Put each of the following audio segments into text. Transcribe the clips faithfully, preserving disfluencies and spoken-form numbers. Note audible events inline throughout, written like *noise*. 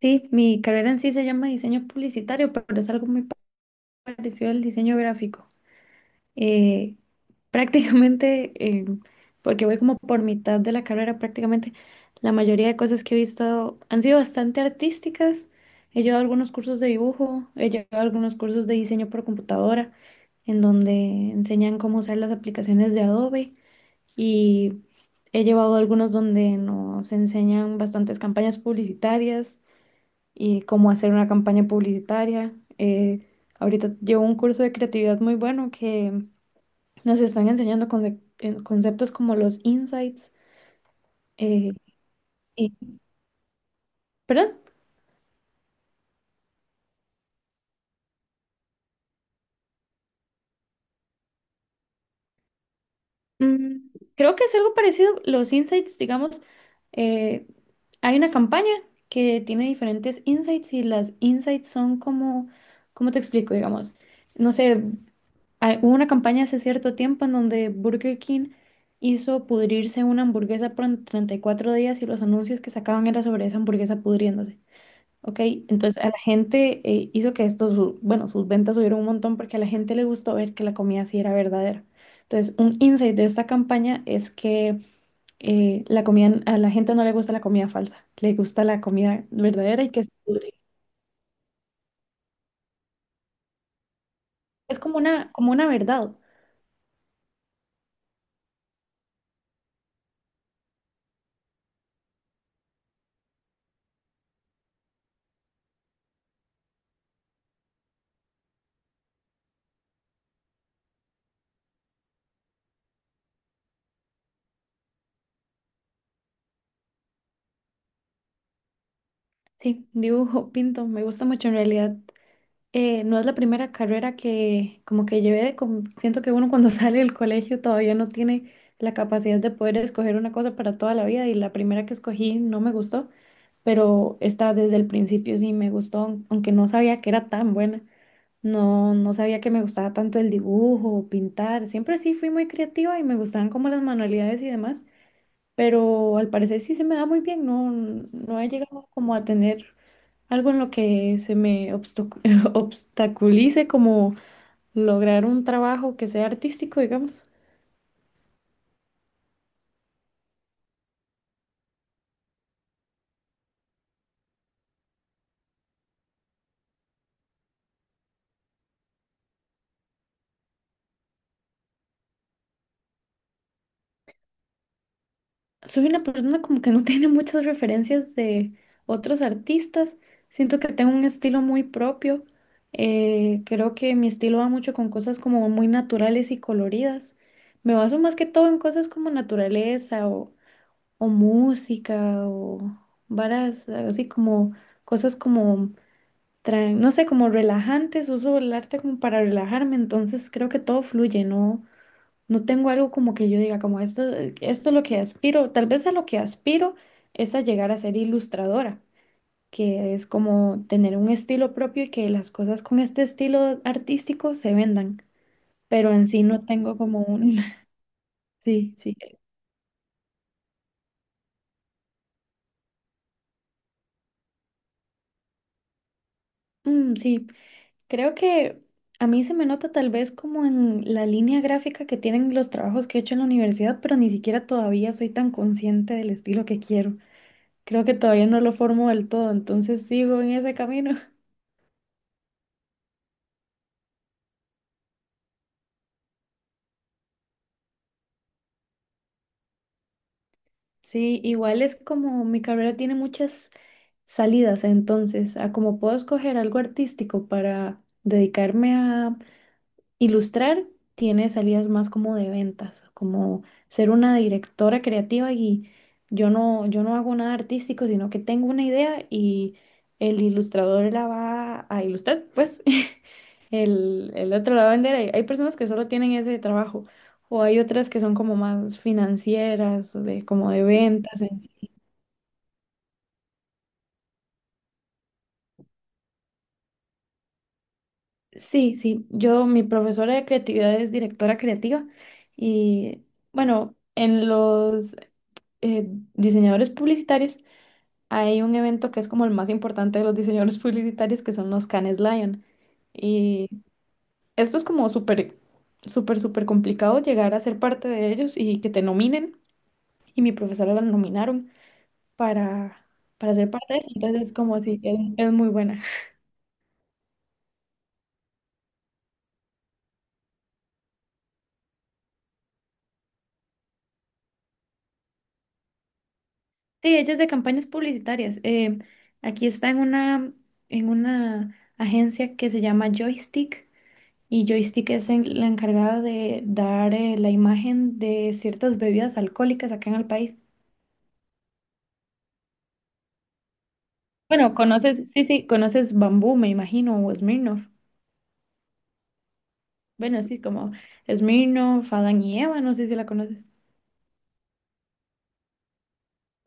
Sí, mi carrera en sí se llama diseño publicitario, pero es algo muy parecido al diseño gráfico. Eh, *laughs* prácticamente, eh, porque voy como por mitad de la carrera, prácticamente la mayoría de cosas que he visto han sido bastante artísticas. He llevado algunos cursos de dibujo, he llevado algunos cursos de diseño por computadora, en donde enseñan cómo usar las aplicaciones de Adobe y he llevado algunos donde nos enseñan bastantes campañas publicitarias y cómo hacer una campaña publicitaria. Eh, ahorita llevo un curso de creatividad muy bueno que nos están enseñando conce- eh, conceptos como los insights. eh, y, ¿Perdón? Mm, creo que es algo parecido. Los insights, digamos, eh, hay una campaña que tiene diferentes insights y las insights son como, ¿cómo te explico? Digamos, no sé. Ah, hubo una campaña hace cierto tiempo en donde Burger King hizo pudrirse una hamburguesa por treinta y cuatro días y los anuncios que sacaban era sobre esa hamburguesa pudriéndose. Ok, entonces a la gente eh, hizo que estos, su- bueno, sus ventas subieron un montón porque a la gente le gustó ver que la comida sí era verdadera. Entonces, un insight de esta campaña es que eh, la comida, a la gente no le gusta la comida falsa, le gusta la comida verdadera y que se pudre. Es como una, como una verdad. Sí, dibujo, pinto, me gusta mucho en realidad. Eh, no es la primera carrera que como que llevé, de siento que uno cuando *laughs* sale del colegio todavía no tiene la capacidad de poder escoger una cosa para toda la vida y la primera que escogí no me gustó, pero esta desde el principio sí me gustó, aunque no sabía que era tan buena, no, no sabía que me gustaba tanto el dibujo, pintar, siempre sí fui muy creativa y me gustaban como las manualidades y demás, pero al parecer sí se me da muy bien, no, no he llegado como a tener algo en lo que se me obstacu- *laughs* obstaculice como lograr un trabajo que sea artístico, digamos. Soy una persona como que no *laughs* tiene muchas referencias de otros artistas. Siento que tengo un estilo muy propio. Eh, creo que mi estilo va mucho con cosas como muy naturales y coloridas. Me baso más que todo en cosas como naturaleza o, o música o varas así como cosas como tran- no sé, como relajantes, uso el arte como para relajarme, entonces creo que todo fluye, no, no tengo algo como que yo diga, como esto, esto es lo que aspiro, tal vez a lo que aspiro es a llegar a ser ilustradora, que es como tener un estilo propio y que las cosas con este estilo artístico se vendan, pero en sí no tengo como un, *laughs* sí, sí, Mm, sí. Creo que a mí se me nota tal vez como en la línea gráfica que tienen los trabajos que he hecho en la universidad, pero ni siquiera todavía soy tan consciente del estilo que quiero. Creo que todavía no lo formo del todo, entonces sigo en ese camino. *laughs* Sí, igual es como mi carrera tiene muchas salidas, entonces, a como puedo escoger algo artístico para dedicarme a ilustrar tiene salidas más como de ventas, como ser una directora creativa y yo no, yo no hago nada artístico, sino que tengo una idea y el ilustrador la va a ilustrar, pues *laughs* el, el otro la va a vender. Hay, hay personas que solo tienen ese trabajo o hay otras que son como más financieras, de, como de ventas en sí. Sí, sí, yo, mi profesora de creatividad es directora creativa y bueno, en los eh, diseñadores publicitarios, hay un evento que es como el más importante de los diseñadores *laughs* publicitarios, que son los Cannes Lion. Y esto es como súper, súper, súper complicado llegar a ser parte de ellos y que te nominen. Y mi profesora la nominaron para, para ser parte de eso. Entonces es como así, es, es muy buena. Sí, ella es de campañas publicitarias. Eh, aquí está en una, en una agencia que se llama Joystick. Y Joystick es el- la encargada de dar eh, la imagen de ciertas bebidas alcohólicas acá en el país. Bueno, conoces, sí, sí, conoces Bambú, me imagino, o Smirnoff. Bueno, sí, como Smirnoff, Adán y Eva, no sé si la conoces.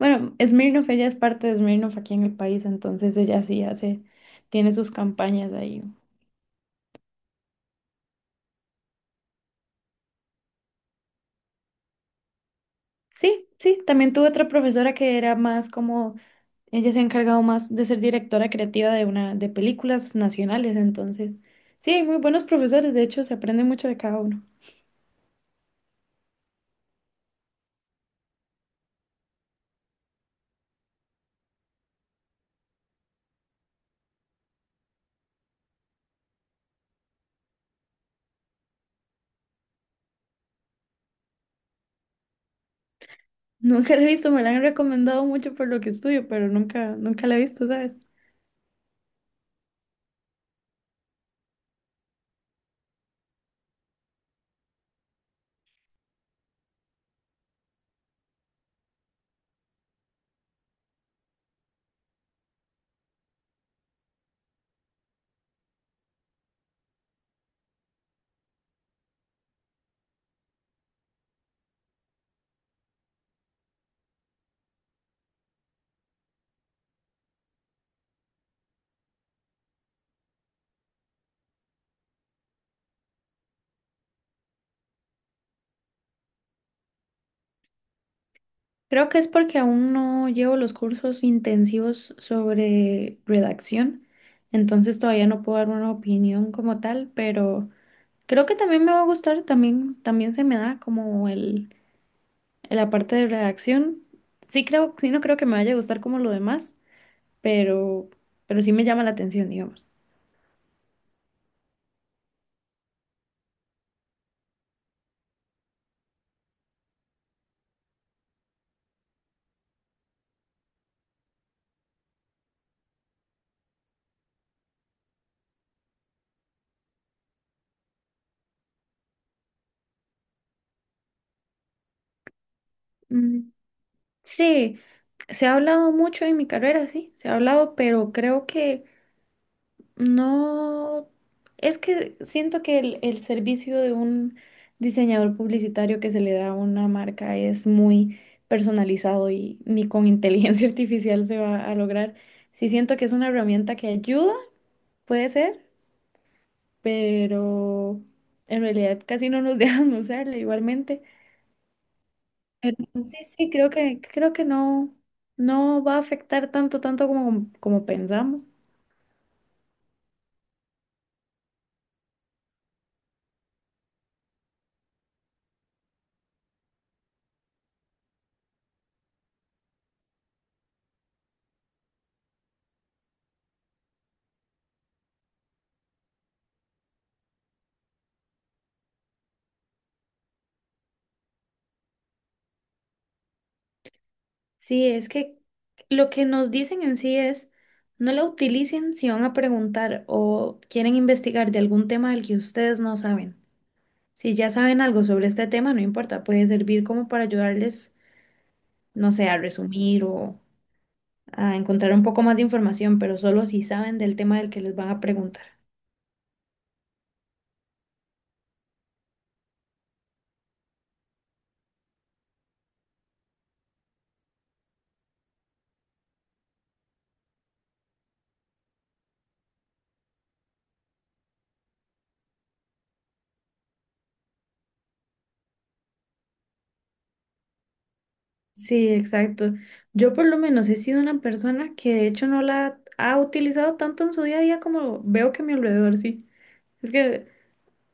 Bueno, Smirnoff, ella es parte de Smirnoff aquí en el país, entonces ella sí hace, tiene sus campañas ahí. Sí, sí, también tuve otra profesora que era más como ella se ha encargado más de ser directora creativa de una de películas nacionales, entonces sí, hay muy buenos profesores, de hecho se aprende mucho de cada uno. *laughs* Nunca la he visto, me la han recomendado mucho por lo que estudio, pero nunca, nunca la he visto, ¿sabes? Creo que es porque aún no llevo los cursos intensivos sobre redacción, entonces todavía no puedo dar una opinión como tal, pero creo que también me va a gustar, también, también se me da como el, la parte de redacción. Sí creo, sí no creo que me vaya a gustar como lo demás. pero, pero sí me llama la atención, digamos. Mm, sí, se ha hablado mucho en mi carrera, sí, se ha hablado, pero creo que no, es que siento que el, el servicio de un diseñador publicitario que se le da a una marca es muy personalizado y ni con inteligencia *laughs* artificial se va a lograr. Sí siento que es una herramienta que ayuda, puede ser, pero en realidad casi no nos *laughs* dejan usarla igualmente. Pero sí, sí, creo que, creo que no, no va a afectar tanto, tanto como, como pensamos. Sí, es que lo que nos dicen en sí es, no la utilicen si van a preguntar o quieren investigar de algún tema del que ustedes no saben. Si ya saben algo sobre este tema, no importa, puede servir como para ayudarles, no sé, a resumir o a encontrar un poco más de información, pero solo si saben del tema del que les van a preguntar. Sí, exacto. Yo por lo menos he sido una persona que de hecho no la ha utilizado tanto en su día a día como veo que a mi alrededor sí. Es que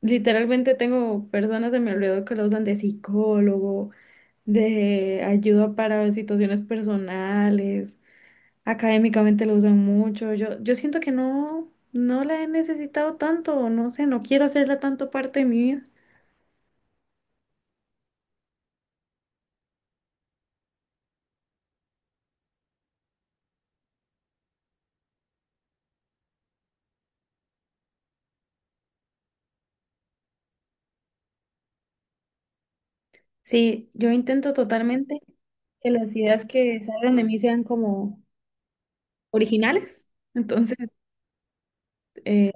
literalmente tengo personas a mi alrededor que la usan de psicólogo, de ayuda para situaciones personales, académicamente la usan mucho. Yo, yo siento que no, no la he necesitado tanto, o no sé, no quiero hacerla tanto parte de mi vida. Sí, yo intento totalmente que las ideas que salgan de mí sean como originales. Entonces, eh,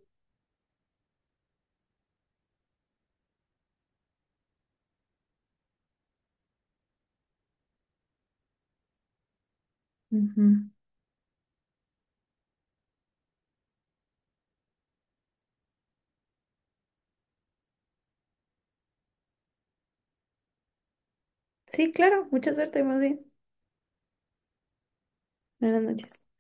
ujú. Sí, claro, mucha suerte, más bien. Buenas noches.